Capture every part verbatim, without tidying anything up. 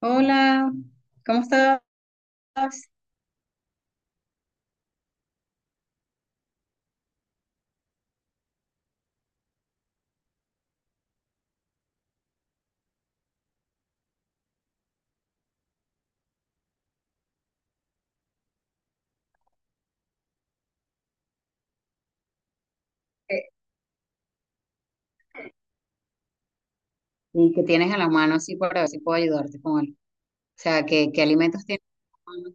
Hola, ¿cómo estás? Eh, ¿Y qué tienes a la mano así para ver si puedo ayudarte con algo? O sea, ¿qué, qué alimentos tienes a la mano?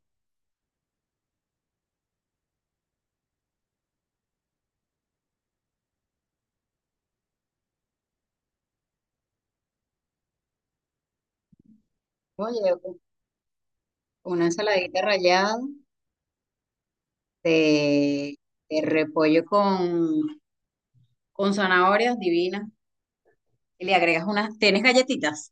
Oye, u- una ensaladita rallada de, de repollo con, con zanahorias divinas. Y le agregas unas, ¿tienes galletitas?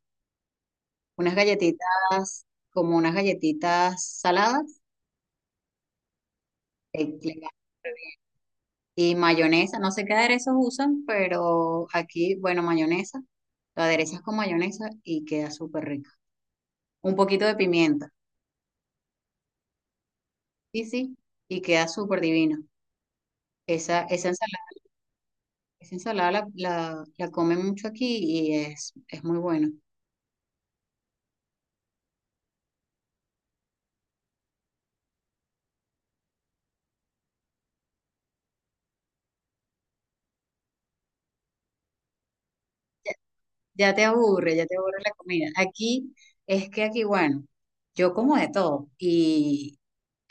Unas galletitas, como unas galletitas saladas. eh, le- Y mayonesa, no sé qué aderezos usan, pero aquí, bueno, mayonesa. Lo aderezas con mayonesa y queda súper rico. Un poquito de pimienta. Sí, sí, y queda súper divino. Esa, esa ensalada, esa ensalada la, la, la comen mucho aquí y es, es muy bueno. Ya te aburre, ya te aburre la comida. Aquí es que aquí, bueno, yo como de todo y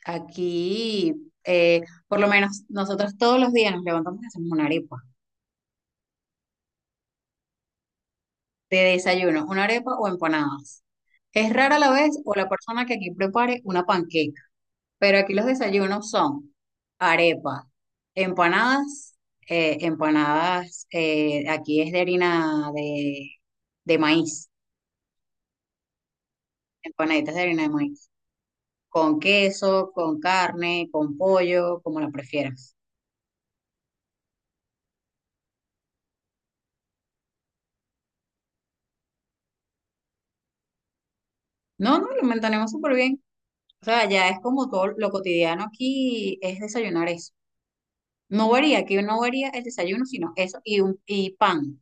aquí, eh, por lo menos nosotros todos los días nos levantamos y hacemos una arepa de desayuno, una arepa o empanadas. Es rara la vez o la persona que aquí prepare una panqueca. Pero aquí los desayunos son arepa, empanadas, eh, empanadas, eh, aquí es de harina de, de maíz, empanaditas de harina de maíz, con queso, con carne, con pollo, como la prefieras. No, no, lo mantenemos súper bien. O sea, ya es como todo lo cotidiano aquí es desayunar eso. No varía, aquí no varía el desayuno, sino eso y, un, y pan,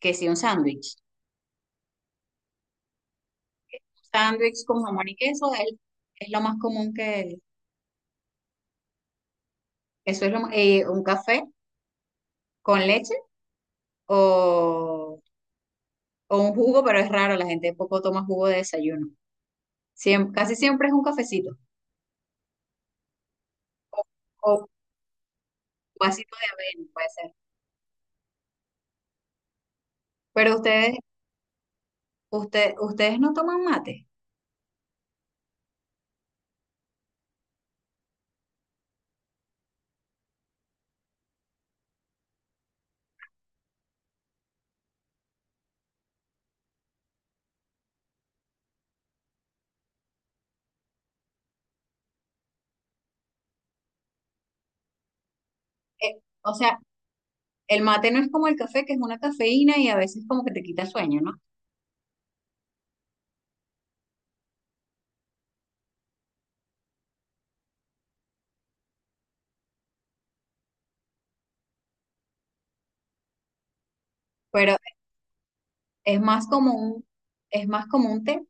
que sí, un sándwich. Sándwich con jamón y queso es, es lo más común que... Eso es lo, ma- eh, un café con leche o, o un jugo, pero es raro, la gente poco toma jugo de desayuno. Siem- casi siempre es un cafecito o, o un vasito de avena, puede ser. Pero ustedes, usted, ustedes no toman mate. Eh, o sea, el mate no es como el café, que es una cafeína y a veces como que te quita sueño, ¿no? Pero es más como un, es más como un té.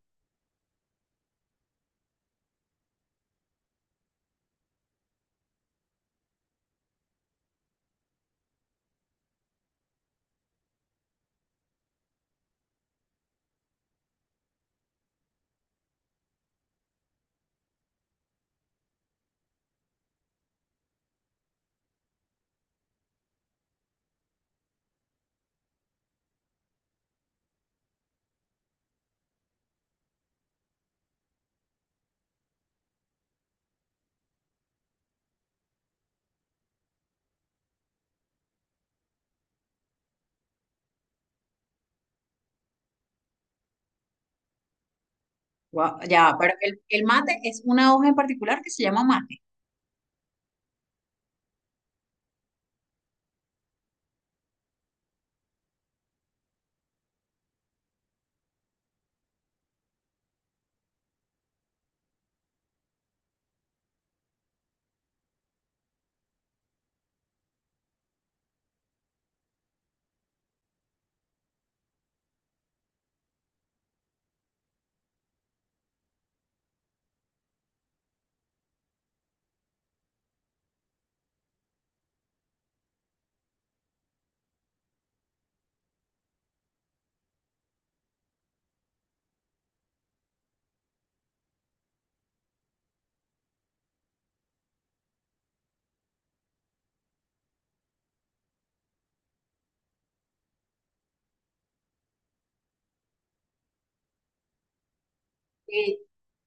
Guau, ya, pero el, el mate es una hoja en particular que se llama mate.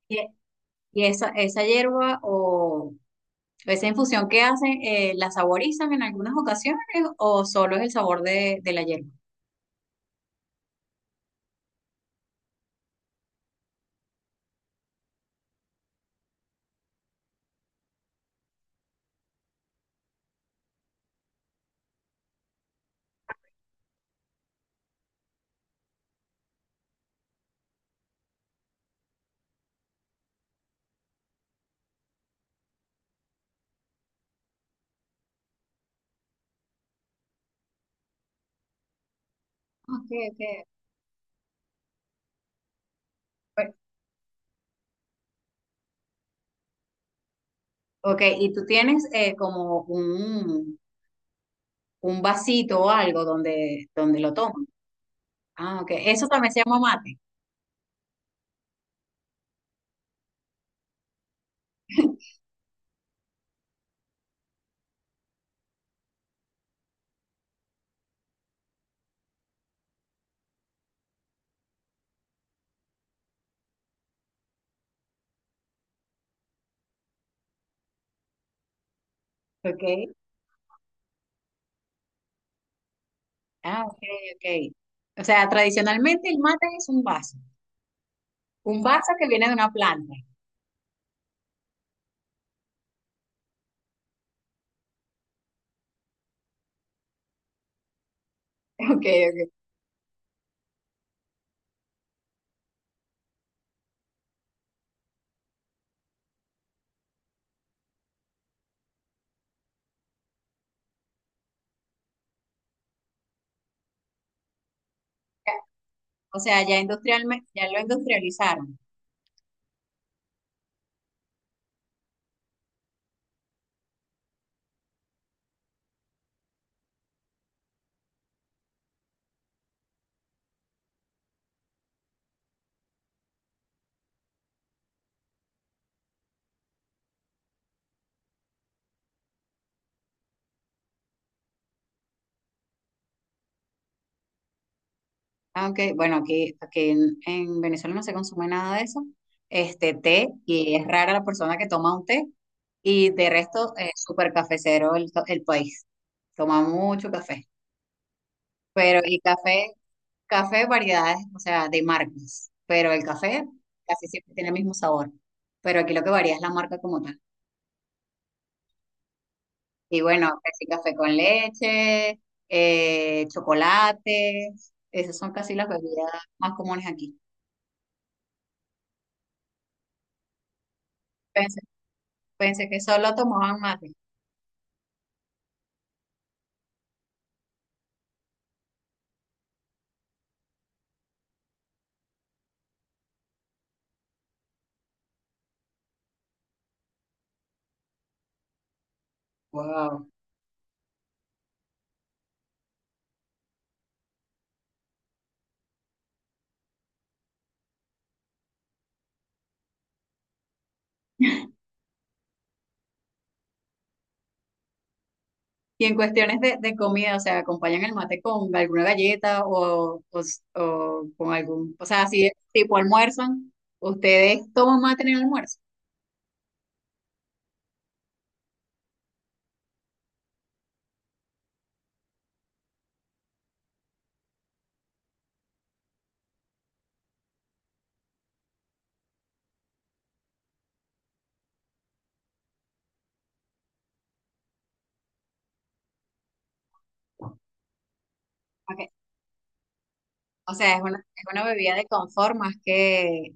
Y- Y esa, esa hierba o esa infusión que hacen, eh, ¿la saborizan en algunas ocasiones o solo es el sabor de, de la hierba? Ok, ok. Bueno, ok, y tú tienes eh, como un, un vasito o algo donde, donde lo toman. Ah, ok. Eso también se llama mate. Ok. Ah, ok, ok. O sea, tradicionalmente el mate es un vaso. Un vaso que viene de una planta. Ok, ok. O sea, ya industrialmente, ya lo industrializaron. Ah, ok. Bueno, aquí, aquí en, en Venezuela no se consume nada de eso. Este té, y es rara la persona que toma un té, y de resto, es súper cafecero el, el país. Toma mucho café. Pero, y café, café variedades, o sea, de marcas. Pero el café casi siempre tiene el mismo sabor. Pero aquí lo que varía es la marca como tal. Y bueno, que sí, café con leche, eh, chocolates, esas son casi las bebidas más comunes aquí. Pensé que solo tomaban mate. Wow. Y en cuestiones de, de comida, o sea, acompañan el mate con alguna galleta o, o, s- o con algún, o sea, así de- tipo almuerzan, ustedes toman mate en el almuerzo. Ok. O sea, es una, es una bebida de confort más que,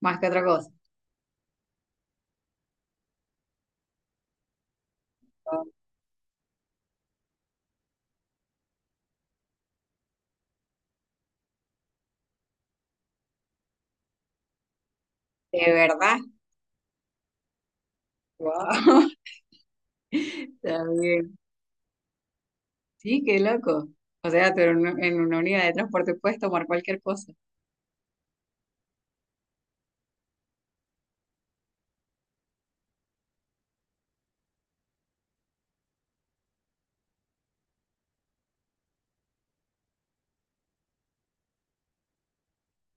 más que otra cosa. ¿De verdad? Wow. Wow. Está bien. Sí, qué loco. O sea, tú en una, en una unidad de transporte puedes tomar cualquier cosa.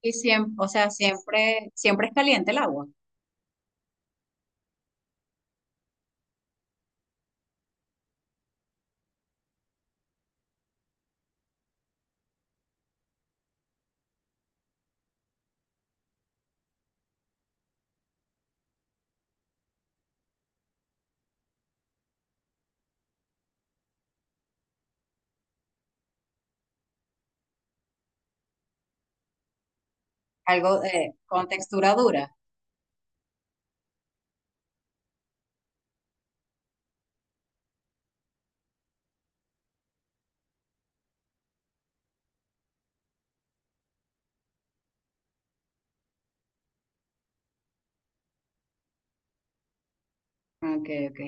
Y siempre, o sea, siempre, siempre es caliente el agua. Algo eh, con textura dura. Ok, ok.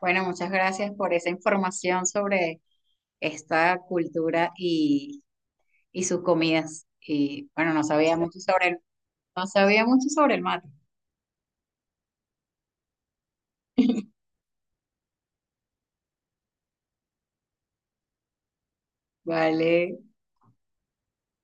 Bueno, muchas gracias por esa información sobre esta cultura y, y sus comidas. Y bueno, no sabía mucho sobre el, no sabía mucho sobre el mate. Vale.